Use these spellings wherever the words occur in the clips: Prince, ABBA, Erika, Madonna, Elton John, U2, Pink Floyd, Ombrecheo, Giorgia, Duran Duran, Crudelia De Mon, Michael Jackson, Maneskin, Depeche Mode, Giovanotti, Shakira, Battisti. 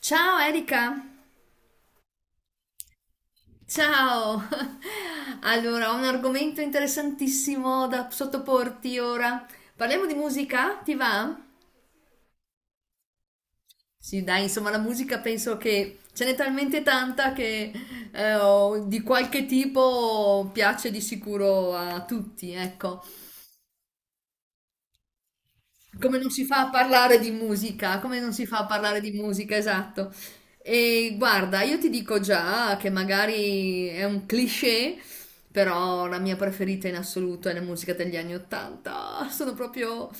Ciao Erika, ciao. Allora, ho un argomento interessantissimo da sottoporti ora. Parliamo di musica, ti va? Sì, dai, insomma, la musica penso che ce n'è talmente tanta che di qualche tipo piace di sicuro a tutti, ecco. Come non si fa a parlare di musica, come non si fa a parlare di musica, esatto. E guarda, io ti dico già che magari è un cliché, però la mia preferita in assoluto è la musica degli anni Ottanta. Sono proprio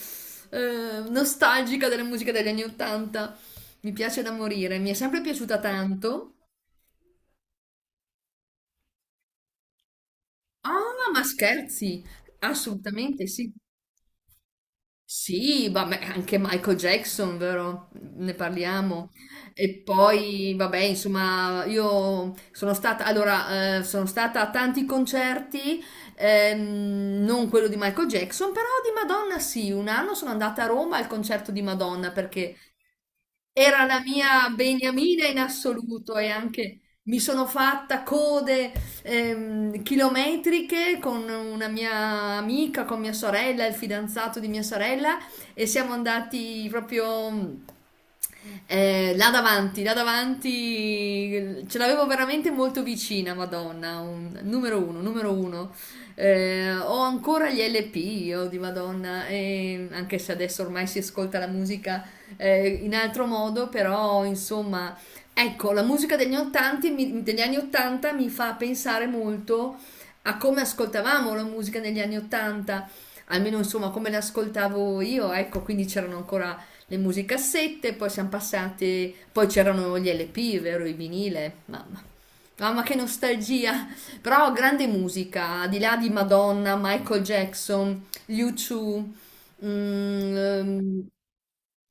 nostalgica della musica degli anni Ottanta. Mi piace da morire, mi è sempre piaciuta tanto. Ah, ma scherzi? Assolutamente sì. Sì, vabbè, anche Michael Jackson, vero? Ne parliamo. E poi, vabbè, insomma, io sono stata, allora, sono stata a tanti concerti, non quello di Michael Jackson, però di Madonna sì. Un anno sono andata a Roma al concerto di Madonna perché era la mia beniamina in assoluto e anche mi sono fatta code chilometriche con una mia amica, con mia sorella, il fidanzato di mia sorella e siamo andati proprio là davanti, ce l'avevo veramente molto vicina, Madonna, numero uno, numero uno. Ho ancora gli LP io di Madonna, e anche se adesso ormai si ascolta la musica in altro modo, però insomma. Ecco, la musica degli anni 80 mi fa pensare molto a come ascoltavamo la musica negli anni 80, almeno insomma come l'ascoltavo io, ecco, quindi c'erano ancora le musicassette, poi siamo passati, poi c'erano gli LP, vero, i vinile, mamma. Mamma che nostalgia, però grande musica, al di là di Madonna, Michael Jackson, U2, mm, ehm,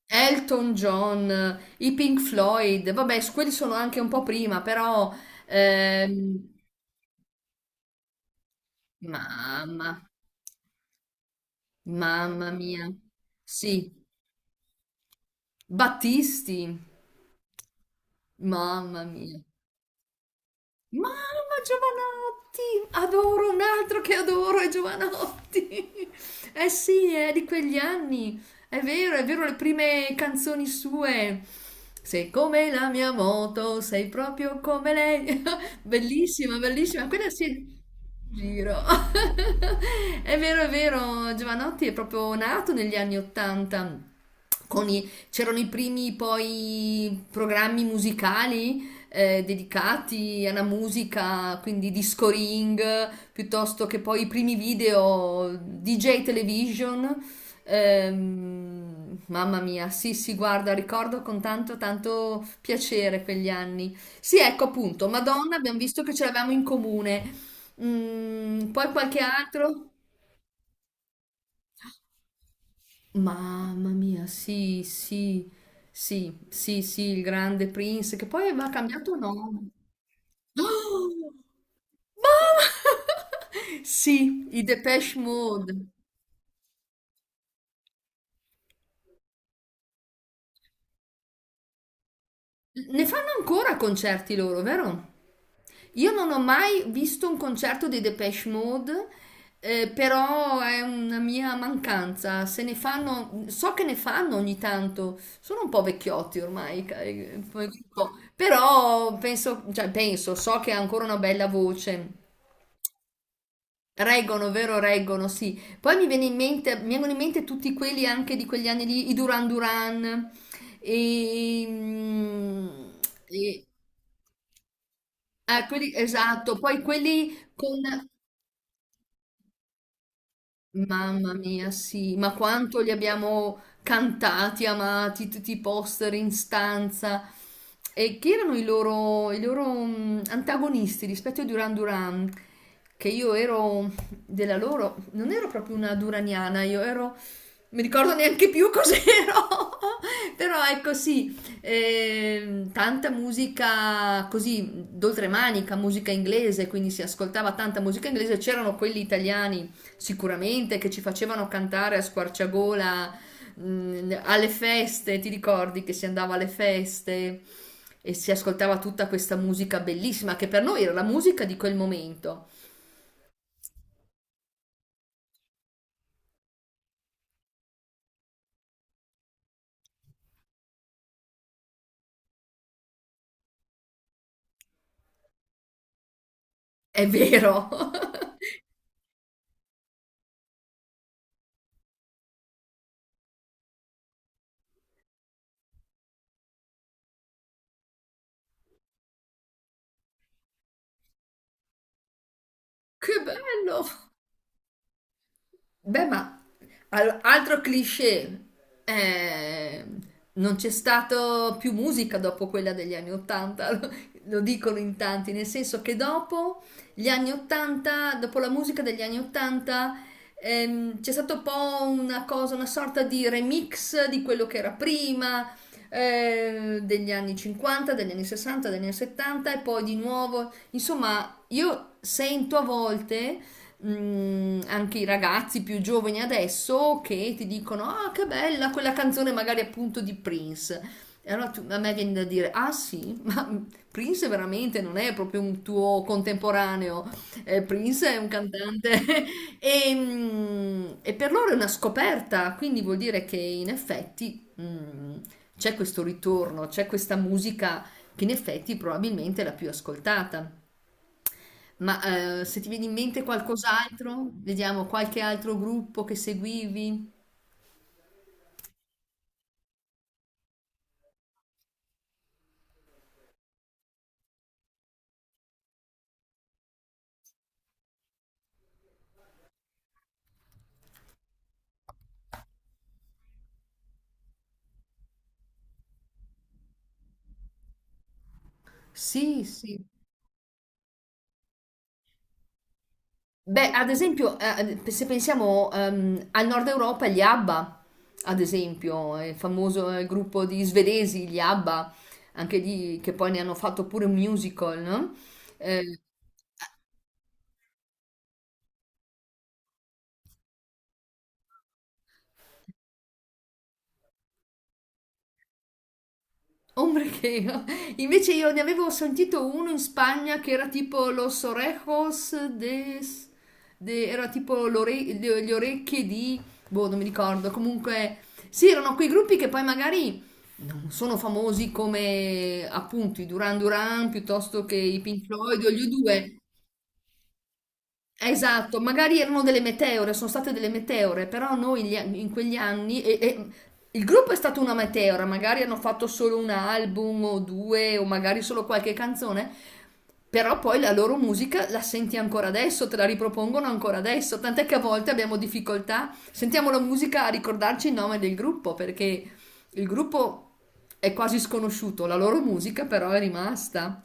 Elton John, i Pink Floyd, vabbè, quelli sono anche un po' prima, però ehm, mamma, mamma mia. Sì, Battisti, mamma mia. Mamma, Giovanotti, adoro un altro che adoro è Giovanotti. Eh sì, è di quegli anni. È vero, le prime canzoni sue. Sei come la mia moto, sei proprio come lei. Bellissima, bellissima. Quella sì. Giro. È vero, Giovanotti è proprio nato negli anni 80. C'erano i primi poi programmi musicali dedicati alla musica, quindi disco ring, piuttosto che poi i primi video DJ Television. Mamma mia, sì, sì, guarda, ricordo con tanto, tanto piacere quegli anni. Sì, ecco appunto, Madonna, abbiamo visto che ce l'avevamo in comune. Mm, poi qualche altro? Mamma mia, sì, sì, sì, sì, sì, il grande Prince, che poi aveva cambiato nome. Oh, sì, i Depeche Mode. Ne fanno ancora concerti loro, vero? Io non ho mai visto un concerto dei Depeche Mode, però è una mia mancanza. Se ne fanno, so che ne fanno ogni tanto. Sono un po' vecchiotti ormai, come gruppo. Però penso, cioè, penso, so che ha ancora una bella voce. Reggono, vero, reggono, sì. Poi mi viene in mente, mi vengono in mente tutti quelli anche di quegli anni lì, i Duran Duran, e, mm, e- ah, quelli, esatto, poi quelli con. Mamma mia, sì, ma quanto li abbiamo cantati, amati, tutti i poster in stanza. E chi erano i loro, i loro antagonisti rispetto ai Duran Duran? Che io ero della loro, non ero proprio una duraniana, mi ricordo neanche più cos'ero, però ecco sì, tanta musica così d'oltremanica, musica inglese, quindi si ascoltava tanta musica inglese, c'erano quelli italiani sicuramente che ci facevano cantare a squarciagola alle feste, ti ricordi che si andava alle feste e si ascoltava tutta questa musica bellissima che per noi era la musica di quel momento. È vero. Che bello! Beh, ma altro cliché, eh, non c'è stato più musica dopo quella degli anni Ottanta, lo dicono in tanti, nel senso che dopo gli anni Ottanta, dopo la musica degli anni Ottanta, c'è stato un po' una cosa, una sorta di remix di quello che era prima, degli anni 50, degli anni 60, degli anni 70 e poi di nuovo, insomma, io sento a volte anche i ragazzi più giovani adesso che ti dicono: ah, che bella quella canzone, magari appunto di Prince. E allora a me viene da dire: ah, sì, ma Prince veramente non è proprio un tuo contemporaneo. Prince è un cantante e per loro è una scoperta, quindi vuol dire che in effetti c'è questo ritorno, c'è questa musica che in effetti probabilmente è la più ascoltata. Ma se ti viene in mente qualcos'altro, vediamo qualche altro gruppo che seguivi. Sì, sì. Beh, ad esempio, se pensiamo al nord Europa, gli ABBA, ad esempio, il famoso gruppo di svedesi, gli ABBA, anche lì che poi ne hanno fatto pure un musical, no? Eh, Ombrecheo. Invece io ne avevo sentito uno in Spagna che era tipo Los Orejos de... era tipo le orecchie di... boh, non mi ricordo. Comunque, sì, erano quei gruppi che poi magari non sono famosi come appunto i Duran Duran piuttosto che i Pink Floyd o gli U2. Esatto, magari erano delle meteore, sono state delle meteore, però noi in quegli anni, e il gruppo è stato una meteora, magari hanno fatto solo un album o due, o magari solo qualche canzone, però poi la loro musica la senti ancora adesso, te la ripropongono ancora adesso, tant'è che a volte abbiamo difficoltà, sentiamo la musica a ricordarci il nome del gruppo, perché il gruppo è quasi sconosciuto, la loro musica però è rimasta.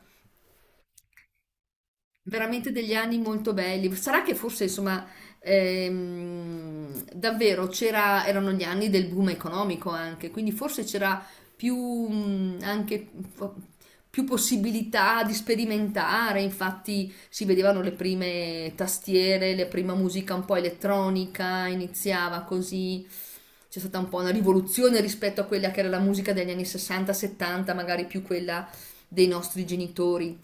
Veramente degli anni molto belli. Sarà che forse, insomma, davvero c'era, erano gli anni del boom economico anche, quindi forse c'era più, anche, mh, più possibilità di sperimentare. Infatti, si vedevano le prime tastiere, la prima musica un po' elettronica, iniziava così. C'è stata un po' una rivoluzione rispetto a quella che era la musica degli anni 60-70, magari più quella dei nostri genitori.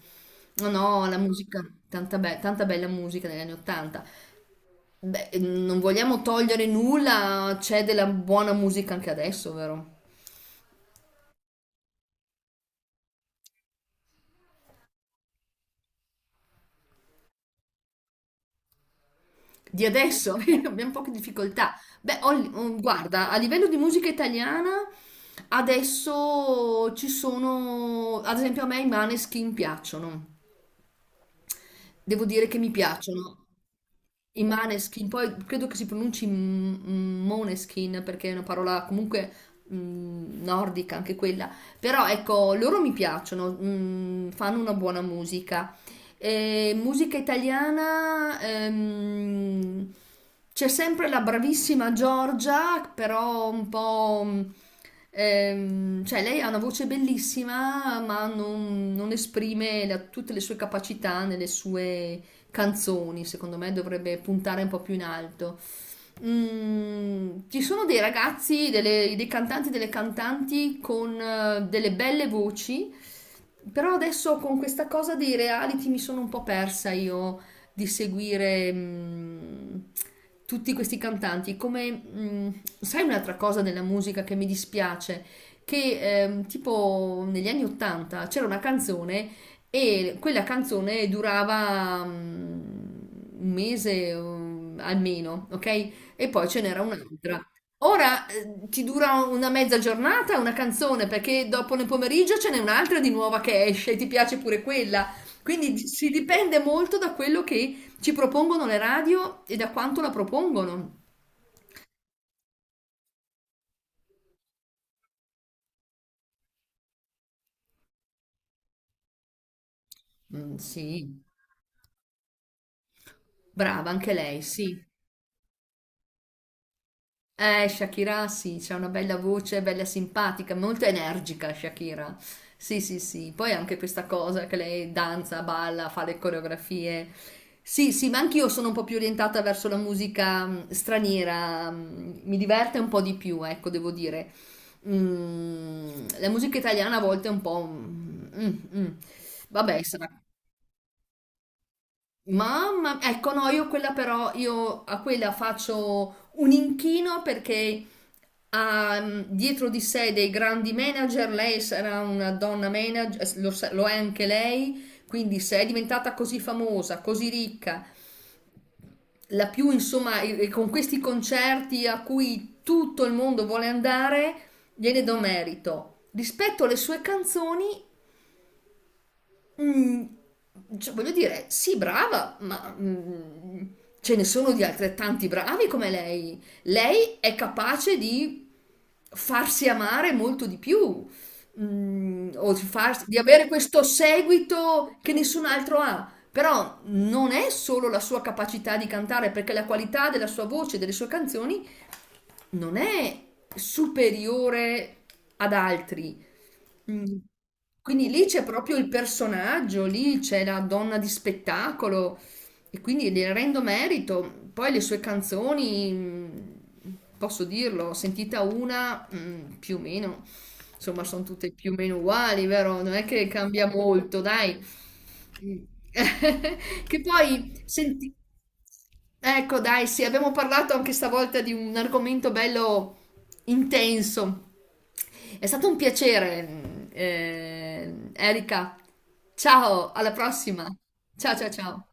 No, no, la musica, tanta, tanta bella musica negli anni 80. Beh, non vogliamo togliere nulla, c'è della buona musica anche adesso, vero? Di adesso abbiamo poche difficoltà. Beh, oh, guarda, a livello di musica italiana, adesso ci sono, ad esempio a me i Maneskin piacciono. Devo dire che mi piacciono. I Maneskin, poi credo che si pronunci Moneskin perché è una parola comunque nordica anche quella, però ecco, loro mi piacciono, fanno una buona musica. E musica italiana, c'è sempre la bravissima Giorgia, però un po'. Cioè, lei ha una voce bellissima, ma non esprime tutte le sue capacità nelle sue canzoni, secondo me dovrebbe puntare un po' più in alto. Mm, ci sono dei ragazzi, dei cantanti, delle cantanti con delle belle voci, però adesso con questa cosa dei reality mi sono un po' persa io di seguire tutti questi cantanti. Come, mm, sai un'altra cosa della musica che mi dispiace? Che tipo negli anni 80 c'era una canzone e quella canzone durava un mese almeno, ok? E poi ce n'era un'altra. Ora ti dura una mezza giornata una canzone, perché dopo nel pomeriggio ce n'è un'altra di nuova che esce e ti piace pure quella. Quindi si dipende molto da quello che ci propongono le radio e da quanto la propongono. Mm, sì, brava anche lei, sì. Shakira sì, c'ha una bella voce, bella simpatica, molto energica Shakira. Sì, sì, sì. Poi anche questa cosa che lei danza, balla, fa le coreografie. Sì, sì, ma anch'io sono un po' più orientata verso la musica straniera, mi diverte un po' di più, ecco, devo dire. Mm, la musica italiana a volte è un po'. Mm. Vabbè, sarà. Mamma, ecco no, io quella però, io a quella faccio un inchino perché ha dietro di sé dei grandi manager, lei sarà una donna manager, lo è anche lei, quindi se è diventata così famosa, così ricca, la più insomma, e con questi concerti a cui tutto il mondo vuole andare, gliene do merito. Rispetto alle sue canzoni, Mm, cioè, voglio dire, sì, brava, ma ce ne sono di altrettanti bravi come lei. Lei è capace di farsi amare molto di più, o di avere questo seguito che nessun altro ha. Però non è solo la sua capacità di cantare, perché la qualità della sua voce, delle sue canzoni, non è superiore ad altri. Mm. Quindi lì c'è proprio il personaggio, lì c'è la donna di spettacolo, e quindi le rendo merito. Poi le sue canzoni, posso dirlo, sentita una, più o meno, insomma, sono tutte più o meno uguali, vero? Non è che cambia molto, dai. Mm. Che poi, senti. Ecco, dai, sì, abbiamo parlato anche stavolta di un argomento bello intenso. È stato un piacere, Erika. Ciao, alla prossima. Ciao, ciao, ciao.